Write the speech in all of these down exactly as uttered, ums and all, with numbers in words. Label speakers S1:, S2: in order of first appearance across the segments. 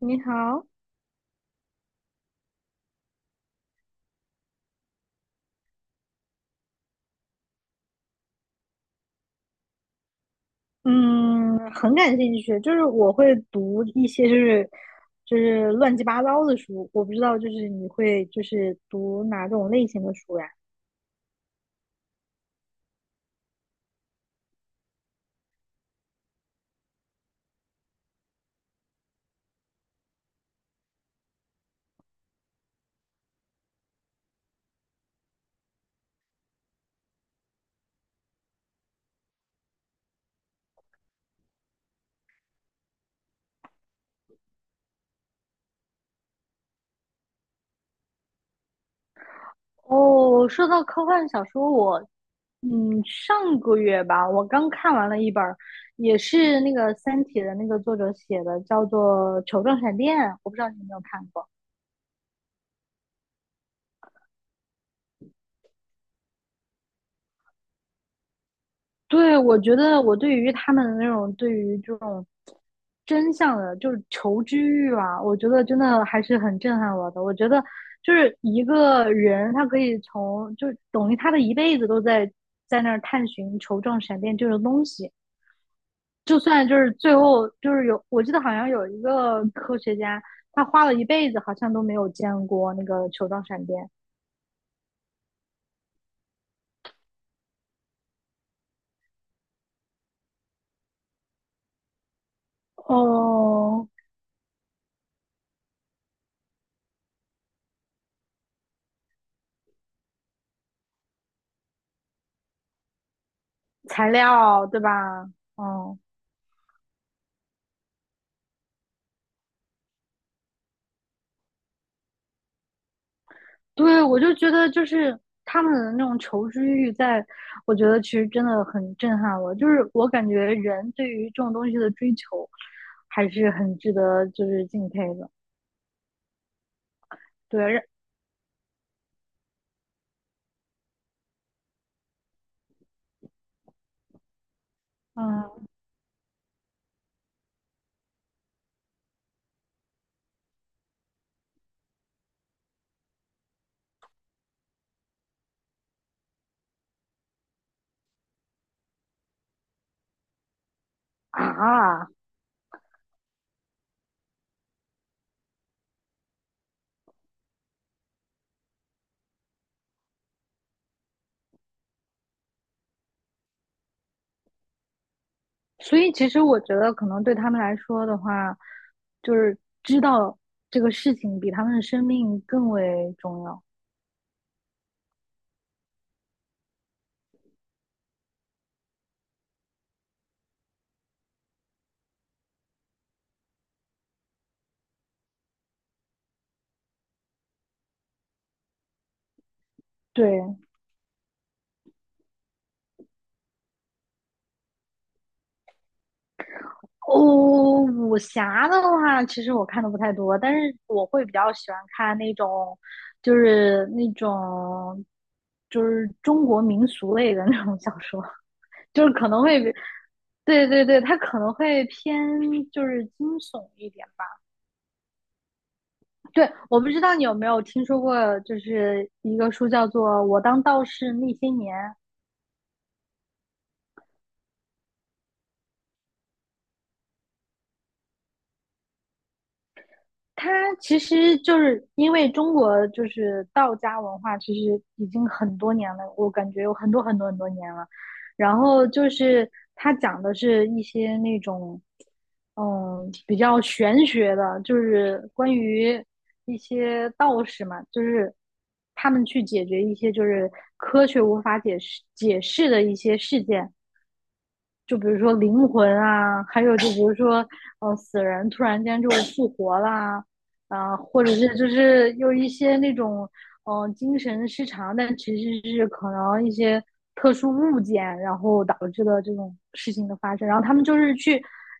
S1: 你好。嗯，很感兴趣，就是我会读一些就是就是乱七八糟的书。我不知道就是你会就是读哪种类型的书呀？哦，说到科幻小说，我嗯上个月吧，我刚看完了一本儿，也是那个《三体》的那个作者写的，叫做《球状闪电》，我不知道你有没有看过。对，我觉得我对于他们的那种对于这种真相的，就是求知欲啊，我觉得真的还是很震撼我的。我觉得就是一个人，他可以从就等于他的一辈子都在在那儿探寻球状闪电这种东西，就算就是最后就是有，我记得好像有一个科学家，他花了一辈子好像都没有见过那个球状闪电。哦，材料，对吧？嗯。对，我就觉得就是他们的那种求知欲在，我觉得其实真的很震撼我。就是我感觉人对于这种东西的追求，还是很值得就是敬佩的。对。让嗯啊，所以其实我觉得可能对他们来说的话，就是知道这个事情比他们的生命更为重要。对。哦，武侠的话，其实我看的不太多，但是我会比较喜欢看那种，就是那种，就是中国民俗类的 那种小说，就是可能会比，对对对，它可能会偏就是惊悚一点吧。对，我不知道你有没有听说过，就是一个书叫做《我当道士那些年》。它其实就是因为中国就是道家文化，其实已经很多年了，我感觉有很多很多很多年了。然后就是它讲的是一些那种，嗯，比较玄学的，就是关于一些道士嘛，就是他们去解决一些就是科学无法解释解释的一些事件。就比如说灵魂啊，还有就比如说，呃，死人突然间就复活啦，啊、呃或者是就是有一些那种，嗯、呃精神失常，但其实是可能一些特殊物件，然后导致的这种事情的发生。然后他们就是去，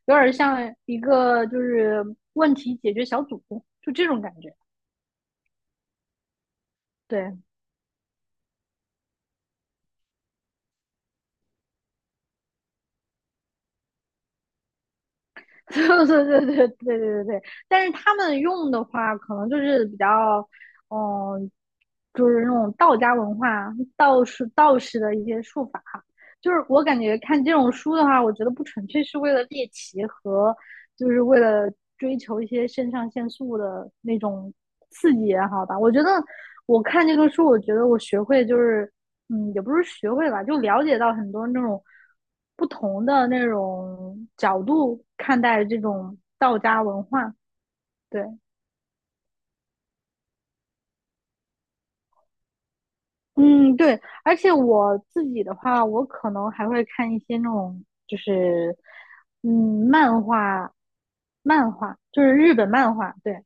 S1: 有点像一个就是问题解决小组，就这种感觉。对，对对对对对对对。但是他们用的话，可能就是比较，嗯，就是那种道家文化、道士道士的一些术法。就是我感觉看这种书的话，我觉得不纯粹是为了猎奇和就是为了追求一些肾上腺素的那种刺激也好吧。我觉得我看这个书，我觉得我学会就是嗯，也不是学会吧，就了解到很多那种不同的那种角度看待这种道家文化。对。嗯。对，而且我自己的话，我可能还会看一些那种就是嗯漫画，漫画就是日本漫画，对。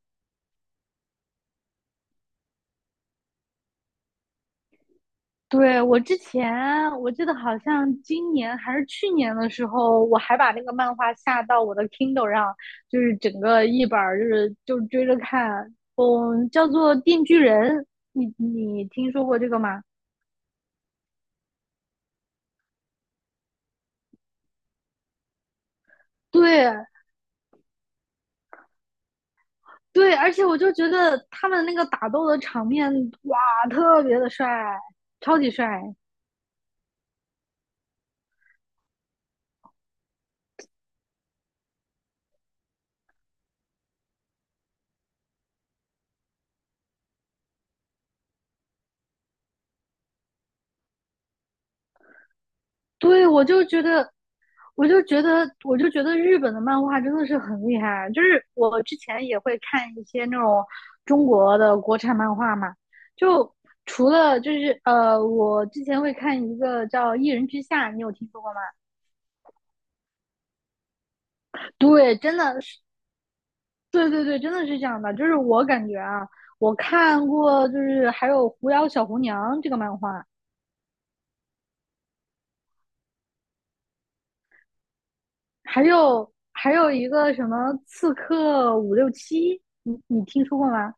S1: 对，我之前我记得好像今年还是去年的时候，我还把那个漫画下到我的 Kindle 上，就是整个一本儿就是就追着看。嗯，叫做《电锯人》，你你听说过这个吗？对对。而且我就觉得他们那个打斗的场面，哇，特别的帅，超级帅。对，我就觉得我就觉得，我就觉得日本的漫画真的是很厉害啊。就是我之前也会看一些那种中国的国产漫画嘛，就除了就是呃，我之前会看一个叫《一人之下》，你有听说过吗？对，真的是。对对对，真的是这样的。就是我感觉啊，我看过，就是还有《狐妖小红娘》这个漫画，还有还有一个什么《刺客伍六七》，你你听说过吗？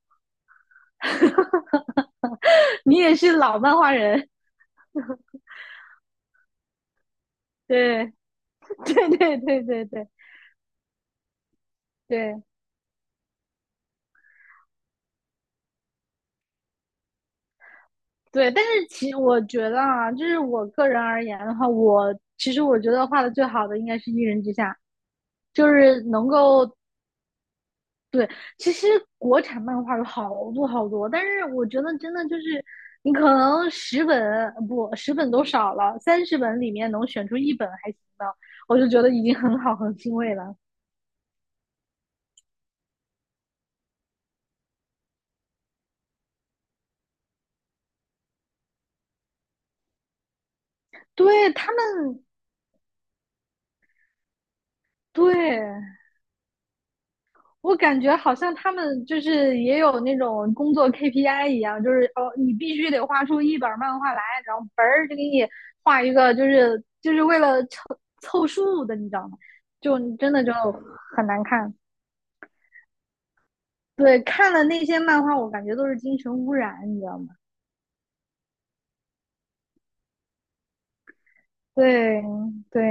S1: 你也是老漫画人，对。对对对对对对对。但是其实我觉得啊，就是我个人而言的话，我其实我觉得画的最好的应该是《一人之下》，就是能够对。其实国产漫画有好多好多，但是我觉得真的就是你可能十本不十本都少了，三十本里面能选出一本还行的，我就觉得已经很好很欣慰了。对他们，对，我感觉好像他们就是也有那种工作 K P I 一样，就是哦，你必须得画出一本漫画来，然后嘣儿就给你画一个，就是就是为了凑凑数的，你知道吗？就真的就很难看。对，看了那些漫画，我感觉都是精神污染，你知道吗？对对。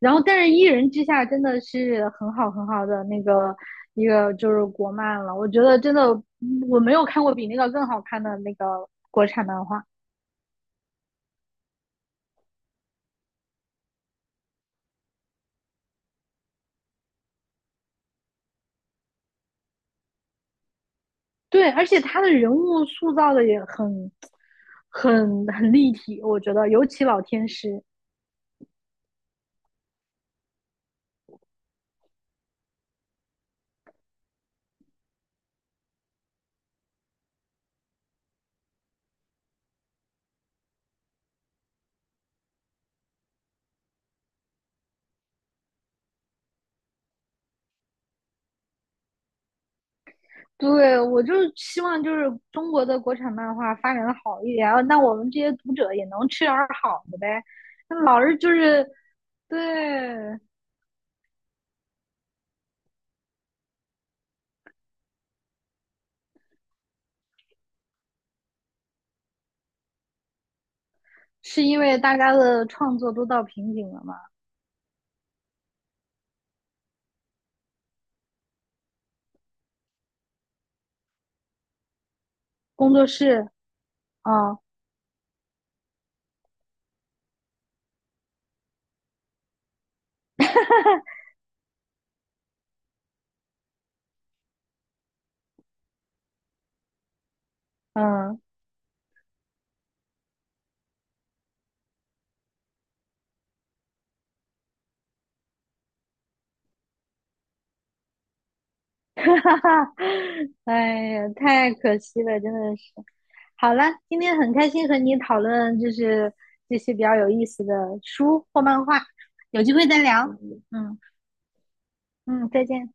S1: 然后但是《一人之下》真的是很好很好的那个一个就是国漫了，我觉得真的嗯我没有看过比那个更好看的那个国产漫画。对，而且他的人物塑造的也很、很、很立体，我觉得，尤其老天师。对，我就希望就是中国的国产漫画发展的好一点，啊那我们这些读者也能吃点儿好的呗。那老是就是对，是因为大家的创作都到瓶颈了嘛？工作室啊，嗯，哈哈哈，哎呀，太可惜了，真的是。好了，今天很开心和你讨论，就是这些比较有意思的书或漫画，有机会再聊。嗯嗯，再见。